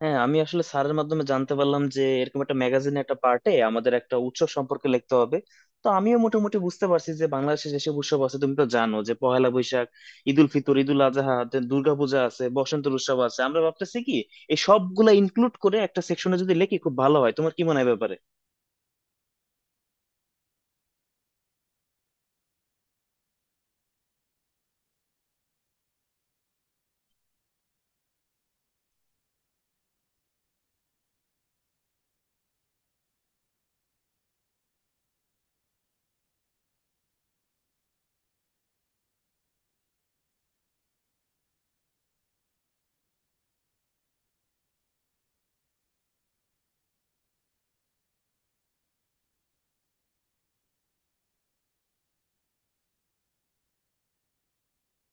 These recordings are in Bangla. হ্যাঁ, আমি আসলে স্যারের মাধ্যমে জানতে পারলাম যে এরকম একটা ম্যাগাজিনে একটা পার্টে আমাদের একটা উৎসব সম্পর্কে লিখতে হবে। তো আমিও মোটামুটি বুঝতে পারছি যে বাংলাদেশে যেসব উৎসব আছে, তুমি তো জানো যে পহেলা বৈশাখ, ঈদ উল ফিতর, ঈদ উল আজহা, তে দুর্গাপূজা আছে, বসন্তের উৎসব আছে। আমরা ভাবতেছি কি এই সবগুলা ইনক্লুড করে একটা সেকশনে যদি লিখি খুব ভালো হয়, তোমার কি মনে হয় ব্যাপারে?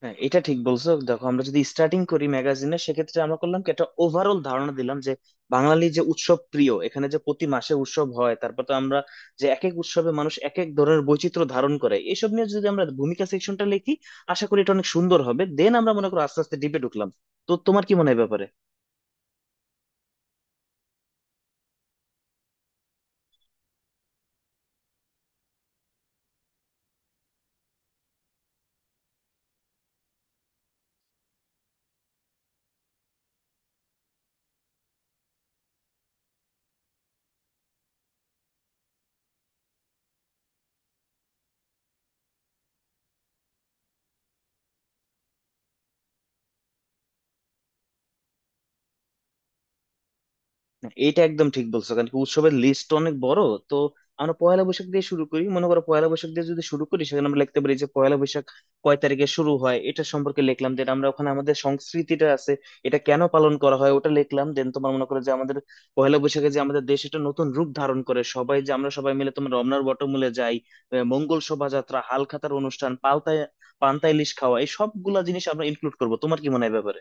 হ্যাঁ, এটা ঠিক বলছো। দেখো, আমরা যদি স্টার্টিং করি ম্যাগাজিনে সেক্ষেত্রে আমরা করলাম কি একটা ওভারঅল ধারণা দিলাম যে বাঙালি যে উৎসব প্রিয়, এখানে যে প্রতি মাসে উৎসব হয়। তারপর তো আমরা যে এক এক উৎসবে মানুষ এক এক ধরনের বৈচিত্র্য ধারণ করে, এইসব নিয়ে যদি আমরা ভূমিকা সেকশনটা লিখি আশা করি এটা অনেক সুন্দর হবে। দেন আমরা মনে করো আস্তে আস্তে ডিপে ঢুকলাম। তো তোমার কি মনে হয় এ ব্যাপারে? এটা একদম ঠিক বলছো, কারণ কি উৎসবের লিস্ট অনেক বড়। তো আমরা পয়লা বৈশাখ দিয়ে শুরু করি। মনে করো পয়লা বৈশাখ দিয়ে যদি শুরু করি সেখানে আমরা লিখতে পারি যে পয়লা বৈশাখ কয় তারিখে শুরু হয় এটা সম্পর্কে লিখলাম। দেন আমরা ওখানে আমাদের সংস্কৃতিটা আছে, এটা কেন পালন করা হয় ওটা লিখলাম। দেন তোমার মনে করো যে আমাদের পয়লা বৈশাখে যে আমাদের দেশ এটা নতুন রূপ ধারণ করে, সবাই যে আমরা সবাই মিলে তোমার রমনার বটমূলে যাই, মঙ্গল শোভাযাত্রা, হালখাতার অনুষ্ঠান পাল্টায়, পান্তা ইলিশ খাওয়া, এই সবগুলা জিনিস আমরা ইনক্লুড করবো। তোমার কি মনে হয় এ ব্যাপারে?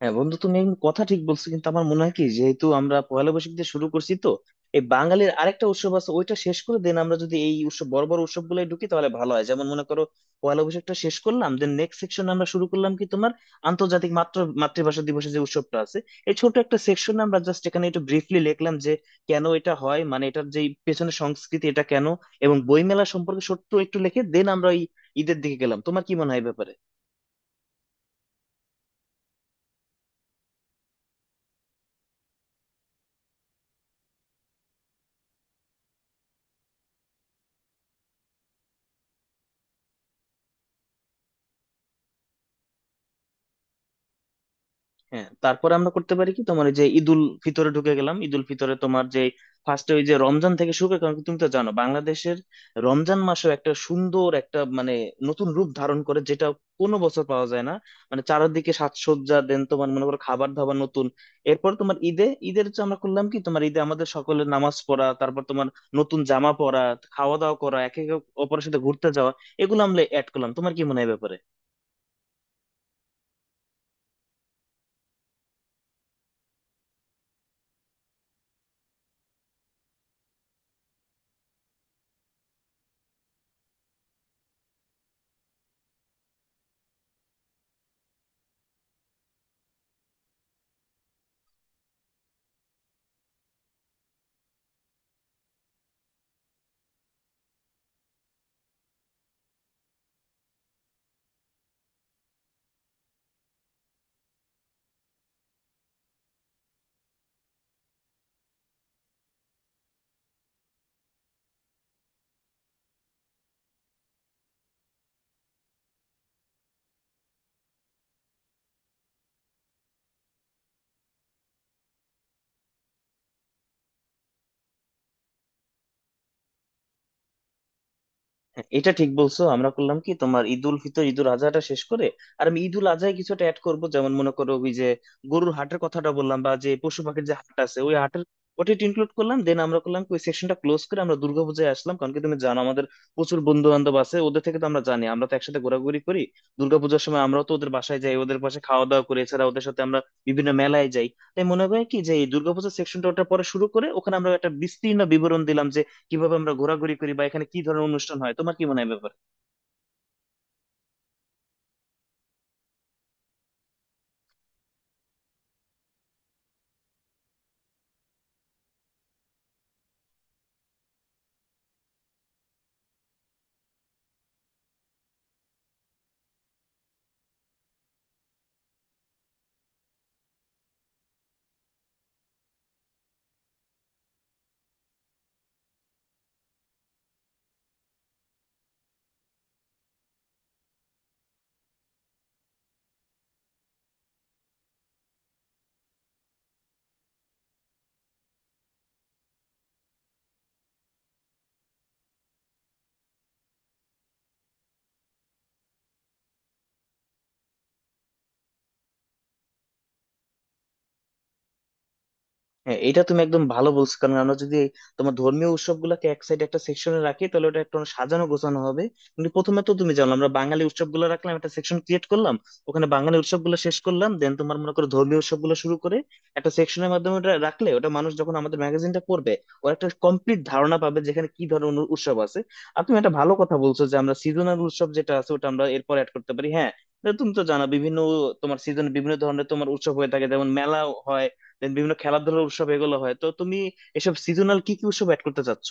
হ্যাঁ বন্ধু, তুমি একদম কথা ঠিক বলছো, কিন্তু আমার মনে হয় কি যেহেতু আমরা পয়লা বৈশাখ দিয়ে শুরু করছি, তো এই বাঙালির আরেকটা উৎসব আছে ওইটা শেষ করে দেন আমরা যদি এই উৎসব বড় বড় উৎসব গুলো ঢুকি তাহলে ভালো হয়। যেমন মনে করো পয়লা বৈশাখটা শেষ করলাম, দেন নেক্সট সেকশন আমরা শুরু করলাম কি তোমার আন্তর্জাতিক মাতৃভাষা দিবসের যে উৎসবটা আছে, এই ছোট একটা সেকশন আমরা জাস্ট এখানে একটু ব্রিফলি লিখলাম যে কেন এটা হয়, মানে এটার যে পেছনে সংস্কৃতি, এটা কেন, এবং বইমেলা সম্পর্কে ছোট্ট একটু লিখে দেন আমরা ওই ঈদের দিকে গেলাম। তোমার কি মনে হয় এই ব্যাপারে? হ্যাঁ, তারপরে আমরা করতে পারি কি তোমার ওই যে ঈদুল ফিতরে ঢুকে গেলাম। ঈদুল ফিতরে তোমার যে ফার্স্টে ওই যে রমজান থেকে শুরু করে, কারণ কি তুমি তো জানো বাংলাদেশের রমজান মাসও একটা সুন্দর একটা মানে নতুন রূপ ধারণ করে যেটা কোনো বছর পাওয়া যায় না। মানে চারিদিকে সাজসজ্জা, দেন তোমার মনে করো খাবার দাবার নতুন। এরপর তোমার ঈদে, ঈদের যে আমরা করলাম কি তোমার ঈদে আমাদের সকলের নামাজ পড়া, তারপর তোমার নতুন জামা পরা, খাওয়া দাওয়া করা, একে একে অপরের সাথে ঘুরতে যাওয়া, এগুলো আমরা অ্যাড করলাম। তোমার কি মনে হয় এ ব্যাপারে? হ্যাঁ, এটা ঠিক বলছো। আমরা করলাম কি তোমার ঈদুল ফিতর ঈদুল আজহাটা শেষ করে, আর আমি ঈদুল আজহায় কিছুটা অ্যাড করব, যেমন মনে করো ওই যে গরুর হাটের কথাটা বললাম, বা যে পশু পাখির যে হাট আছে ওই হাটের ওটা ইনক্লুড করলাম। দেন আমরা করলাম কি ওই সেকশনটা ক্লোজ করে আমরা দুর্গাপূজায় আসলাম, কারণ কি তুমি জানো আমাদের প্রচুর বন্ধু বান্ধব আছে, ওদের থেকে তো আমরা জানি, আমরা তো একসাথে ঘোরাঘুরি করি। দুর্গাপূজার সময় আমরাও তো ওদের বাসায় যাই, ওদের পাশে খাওয়া দাওয়া করি, এছাড়া ওদের সাথে আমরা বিভিন্ন মেলায় যাই। তাই মনে হয় কি যে এই দুর্গাপূজার সেকশনটা ওটা পরে শুরু করে ওখানে আমরা একটা বিস্তীর্ণ বিবরণ দিলাম কিভাবে আমরা ঘোরাঘুরি করি বা এখানে কি ধরনের অনুষ্ঠান হয়। তোমার কি মনে হয় এ ব্যাপারে? হ্যাঁ, এটা তুমি একদম ভালো বলছো। কারণ আমরা যদি তোমার ধর্মীয় উৎসবগুলোকে এক সাইডে একটা সেকশনে রাখি তাহলে ওটা একটু সাজানো গোছানো হবে। কিন্তু প্রথমে তো তুমি জানো আমরা বাঙালি উৎসবগুলো রাখলাম, একটা সেকশন ক্রিয়েট করলাম, ওখানে বাঙালি উৎসবগুলো শেষ করলাম। দেন তোমার মনে করো ধর্মীয় উৎসবগুলো শুরু করে একটা সেকশনের মাধ্যমে ওটা রাখলে ওটা মানুষ যখন আমাদের ম্যাগাজিনটা পড়বে, ওর একটা কমপ্লিট ধারণা পাবে যেখানে কি ধরনের উৎসব আছে। আর তুমি একটা ভালো কথা বলছো যে আমরা সিজনাল উৎসব যেটা আছে ওটা আমরা এরপর অ্যাড করতে পারি। হ্যাঁ, তুমি তো জানো বিভিন্ন তোমার সিজনে বিভিন্ন ধরনের তোমার উৎসব হয়ে থাকে, যেমন মেলা হয়, দেন বিভিন্ন খেলাধুলার উৎসব, এগুলো হয়। তো তুমি এসব সিজনাল কি কি উৎসব অ্যাড করতে চাচ্ছ?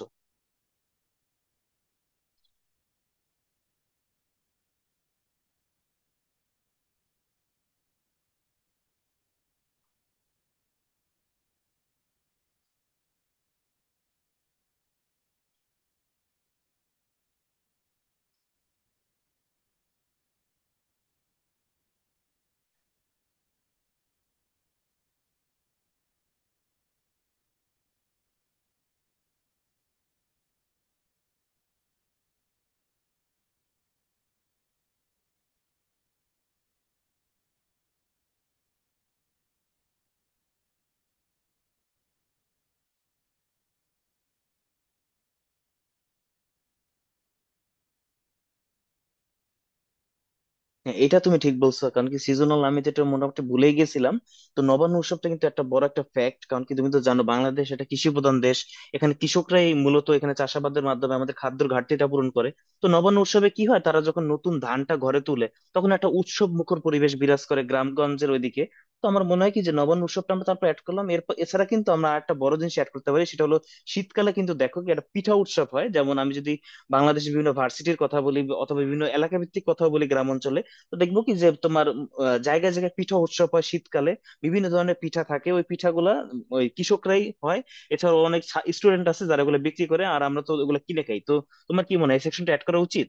হ্যাঁ, এটা তুমি ঠিক বলছো। কারণ কি সিজনাল আমি তো এটা মোটামুটি ভুলেই গেছিলাম। তো নবান্ন উৎসবটা কিন্তু একটা বড় একটা ফ্যাক্ট, কারণ কি তুমি তো জানো বাংলাদেশ এটা কৃষি প্রধান দেশ, এখানে কৃষকরাই মূলত এখানে চাষাবাদের মাধ্যমে আমাদের খাদ্যের ঘাটতিটা পূরণ করে। তো নবান্ন উৎসবে কি হয়, তারা যখন নতুন ধানটা ঘরে তুলে তখন একটা উৎসব মুখর পরিবেশ বিরাজ করে গ্রামগঞ্জের ওইদিকে। তো আমার মনে হয় কি যে নবান্ন উৎসবটা আমরা তারপর অ্যাড করলাম। এরপর এছাড়া কিন্তু আমরা একটা বড় জিনিস অ্যাড করতে পারি, সেটা হলো শীতকালে কিন্তু দেখো কি একটা পিঠা উৎসব হয়। যেমন আমি যদি বাংলাদেশের বিভিন্ন ভার্সিটির কথা বলি অথবা বিভিন্ন এলাকা ভিত্তিক কথা বলি গ্রাম অঞ্চলে, তো দেখবো কি যে তোমার জায়গায় জায়গায় পিঠা উৎসব হয় শীতকালে। বিভিন্ন ধরনের পিঠা থাকে, ওই পিঠাগুলা ওই কৃষকরাই হয়। এছাড়াও অনেক স্টুডেন্ট আছে যারা ওগুলো বিক্রি করে আর আমরা তো ওগুলো কিনে খাই। তো তোমার কি মনে হয় এই সেকশনটা অ্যাড করা উচিত?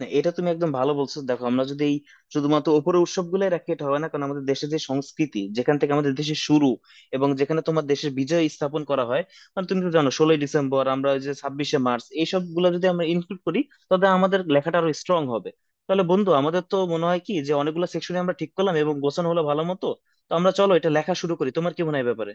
না, এটা তুমি একদম ভালো বলছো। দেখো, আমরা যদি এই শুধুমাত্র উপরের উৎসব গুলাই রাখি এটা হবে না, কারণ আমাদের দেশের যে সংস্কৃতি, যেখান থেকে আমাদের দেশের শুরু এবং যেখানে তোমার দেশের বিজয় স্থাপন করা হয়, মানে তুমি তো জানো 16ই ডিসেম্বর আমরা, ওই যে 26শে মার্চ, এইসব গুলো যদি আমরা ইনক্লুড করি তবে আমাদের লেখাটা আরো স্ট্রং হবে। তাহলে বন্ধু আমাদের তো মনে হয় কি যে অনেকগুলো সেকশনে আমরা ঠিক করলাম এবং গোছানো হলো ভালো মতো। তো আমরা চলো এটা লেখা শুরু করি, তোমার কি মনে হয় এ ব্যাপারে?